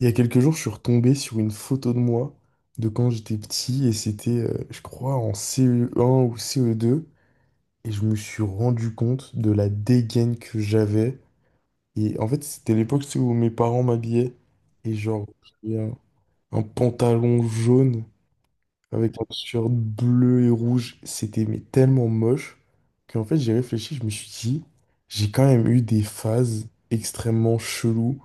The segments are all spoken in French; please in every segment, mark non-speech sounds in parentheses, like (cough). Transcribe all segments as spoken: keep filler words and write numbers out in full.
Il y a quelques jours, je suis retombé sur une photo de moi de quand j'étais petit et c'était, euh, je crois, en C E un ou C E deux. Et je me suis rendu compte de la dégaine que j'avais. Et en fait, c'était l'époque tu sais, où mes parents m'habillaient et genre j'avais un, un pantalon jaune avec un t-shirt bleu et rouge, c'était mais tellement moche qu'en fait, j'ai réfléchi, je me suis dit, j'ai quand même eu des phases extrêmement cheloues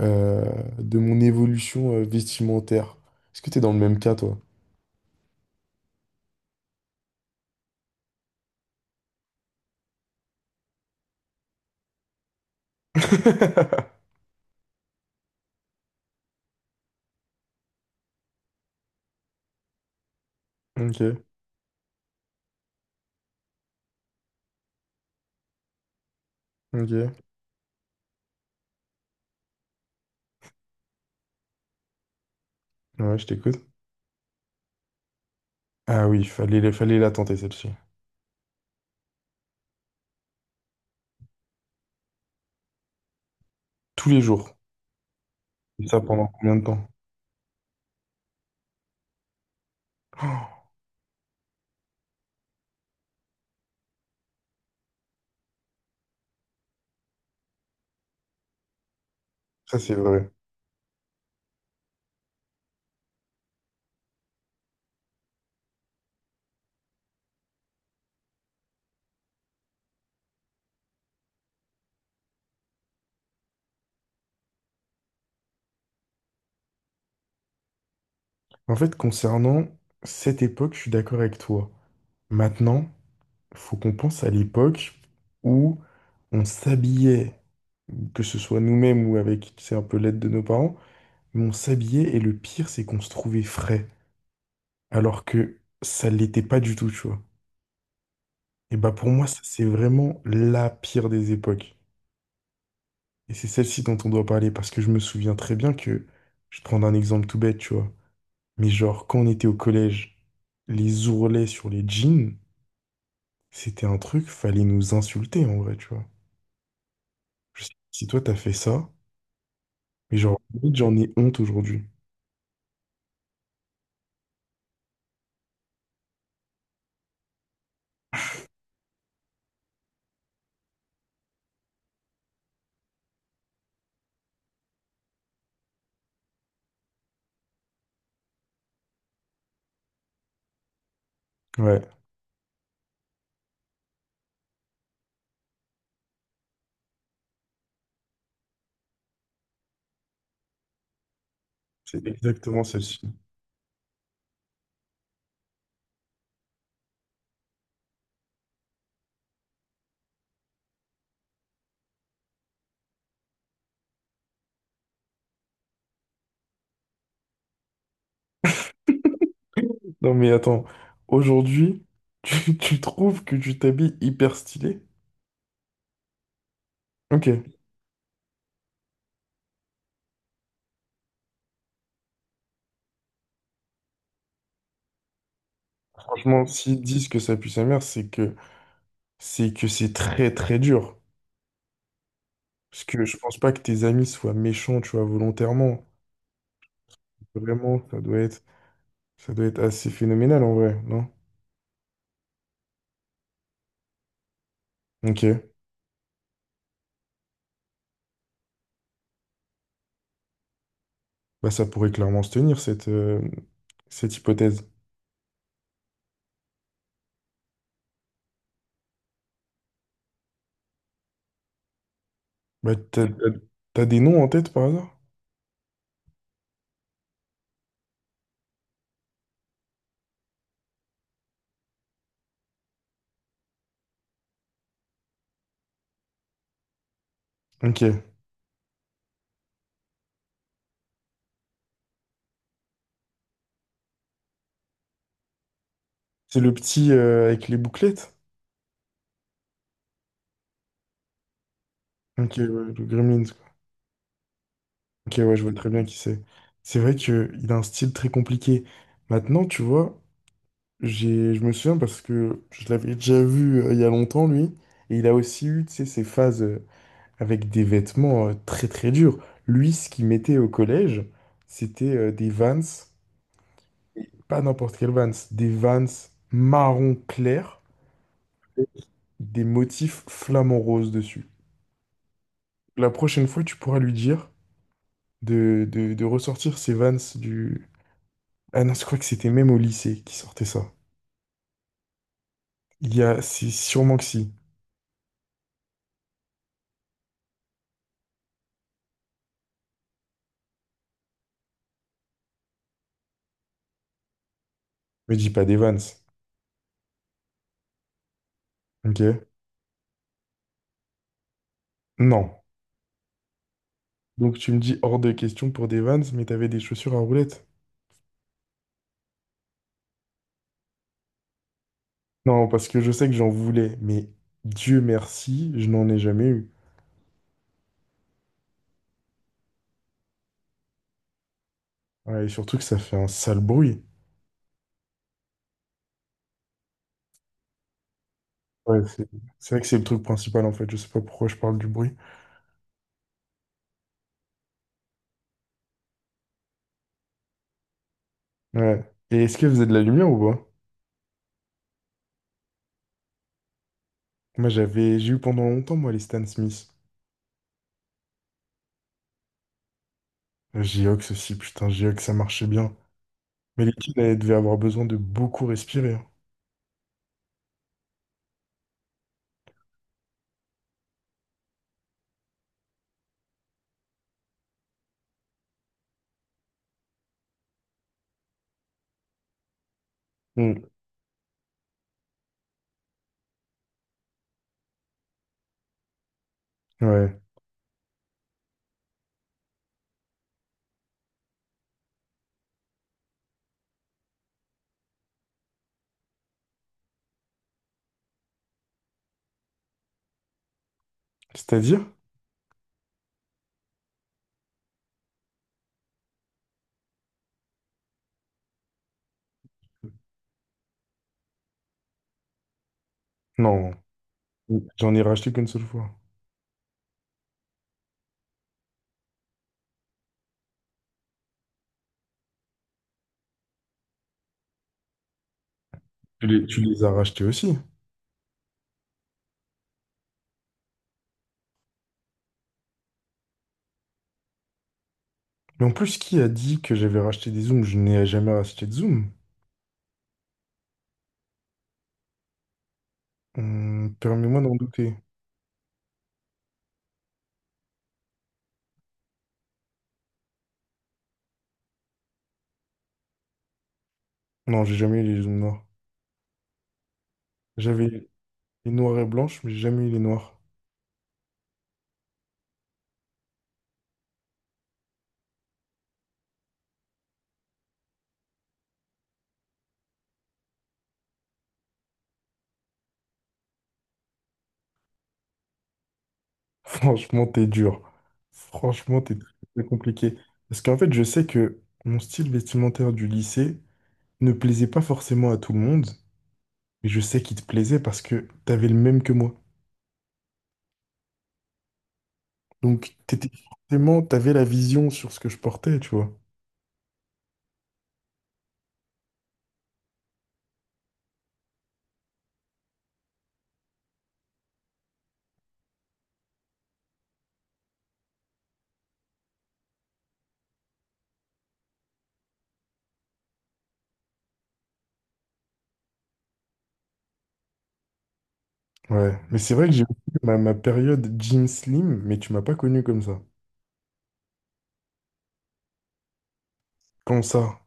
euh, de mon évolution euh, vestimentaire. Est-ce que t'es dans le même cas, toi? (laughs) Ok, ok. Ouais, je t'écoute. Ah oui, fallait, fallait la tenter, celle-ci. Tous les jours. Et ça pendant combien de temps? Oh, ça, c'est vrai. En fait, concernant cette époque, je suis d'accord avec toi. Maintenant, faut qu'on pense à l'époque où on s'habillait, que ce soit nous-mêmes ou avec, tu sais, un peu l'aide de nos parents, mais on s'habillait et le pire, c'est qu'on se trouvait frais, alors que ça l'était pas du tout, tu vois. Et bah pour moi, ça, c'est vraiment la pire des époques. Et c'est celle-ci dont on doit parler, parce que je me souviens très bien que, je vais te prendre un exemple tout bête, tu vois, mais genre quand on était au collège, les ourlets sur les jeans, c'était un truc, fallait nous insulter en vrai, tu vois. Je sais pas si toi t'as fait ça, mais genre, limite, j'en ai honte aujourd'hui. Ouais, c'est exactement celle-ci. Non mais attends, aujourd'hui, tu, tu trouves que tu t'habilles hyper stylé? Ok. Franchement, s'ils disent que ça pue sa mère, c'est que c'est que c'est très très dur. Parce que je pense pas que tes amis soient méchants, tu vois, volontairement. Vraiment, ça doit être ça doit être assez phénoménal en vrai, non? Ok. Bah ça pourrait clairement se tenir cette, euh, cette hypothèse. Bah t'as, t'as- t'as des noms en tête par hasard? Ok. C'est le petit euh, avec les bouclettes? Ok, ouais, le Gremlins, quoi. Ok, ouais, je vois très bien qui c'est. C'est vrai que il a un style très compliqué. Maintenant, tu vois. J'ai, je me souviens parce que je l'avais déjà vu euh, il y a longtemps, lui, et il a aussi eu, tu sais, ses phases euh, avec des vêtements euh, très très durs. Lui, ce qu'il mettait au collège, c'était euh, des Vans, et pas n'importe quel Vans, des Vans marron clair, des motifs flamants roses dessus. La prochaine fois, tu pourras lui dire de, de, de ressortir ces Vans du… Ah non, je crois que c'était même au lycée qui sortait ça. Il y a, c'est sûrement que si. Mais dis pas des Vans, ok? Non. Donc tu me dis hors de question pour des Vans, mais t'avais des chaussures à roulettes. Non, parce que je sais que j'en voulais, mais Dieu merci, je n'en ai jamais eu. Ouais, et surtout que ça fait un sale bruit. Ouais, c'est c'est vrai que c'est le truc principal en fait, je sais pas pourquoi je parle du bruit. Ouais. Et est-ce que vous avez de la lumière ou pas? Moi j'avais, j'ai eu pendant longtemps moi les Stan Smith. Euh, Geox aussi, putain, Geox ça marchait bien. Mais les kids, elles devaient avoir besoin de beaucoup respirer, hein. Mm. Ouais. C'est-à-dire? Non, j'en ai racheté qu'une seule fois. Tu les, tu les as rachetés aussi. Mais en plus, qui a dit que j'avais racheté des zooms? Je n'ai jamais racheté de zoom. Hum, permets-moi d'en douter. Non, j'ai jamais eu les zooms noirs. J'avais les noirs et blanches, mais j'ai jamais eu les noirs. (laughs) Franchement, t'es dur. Franchement, t'es très très compliqué. Parce qu'en fait, je sais que mon style vestimentaire du lycée ne plaisait pas forcément à tout le monde, mais je sais qu'il te plaisait parce que t'avais le même que moi. Donc, t'étais forcément, t'avais la vision sur ce que je portais, tu vois. Ouais, mais c'est vrai que j'ai aussi ma, ma période Jim Slim, mais tu m'as pas connu comme ça. Comme ça.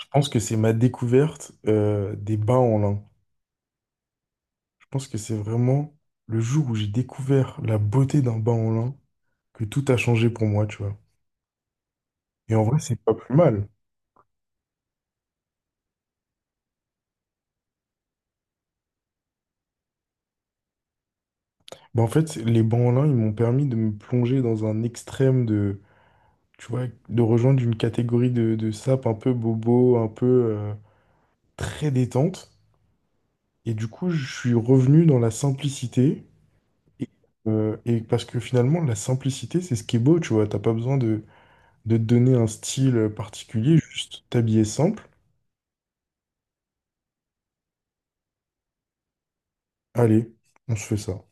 Je pense que c'est ma découverte euh, des bas en lin. Je pense que c'est vraiment le jour où j'ai découvert la beauté d'un bas en lin que tout a changé pour moi, tu vois. Et en vrai, c'est pas plus mal. Bah, en fait, les bas en lin, ils m'ont permis de me plonger dans un extrême de, tu vois, de rejoindre une catégorie de, de sapes un peu bobo, un peu euh, très détente. Et du coup, je suis revenu dans la simplicité. Et, euh, et parce que finalement, la simplicité, c'est ce qui est beau, tu vois. T'as pas besoin de, de te donner un style particulier, juste t'habiller simple. Allez, on se fait ça.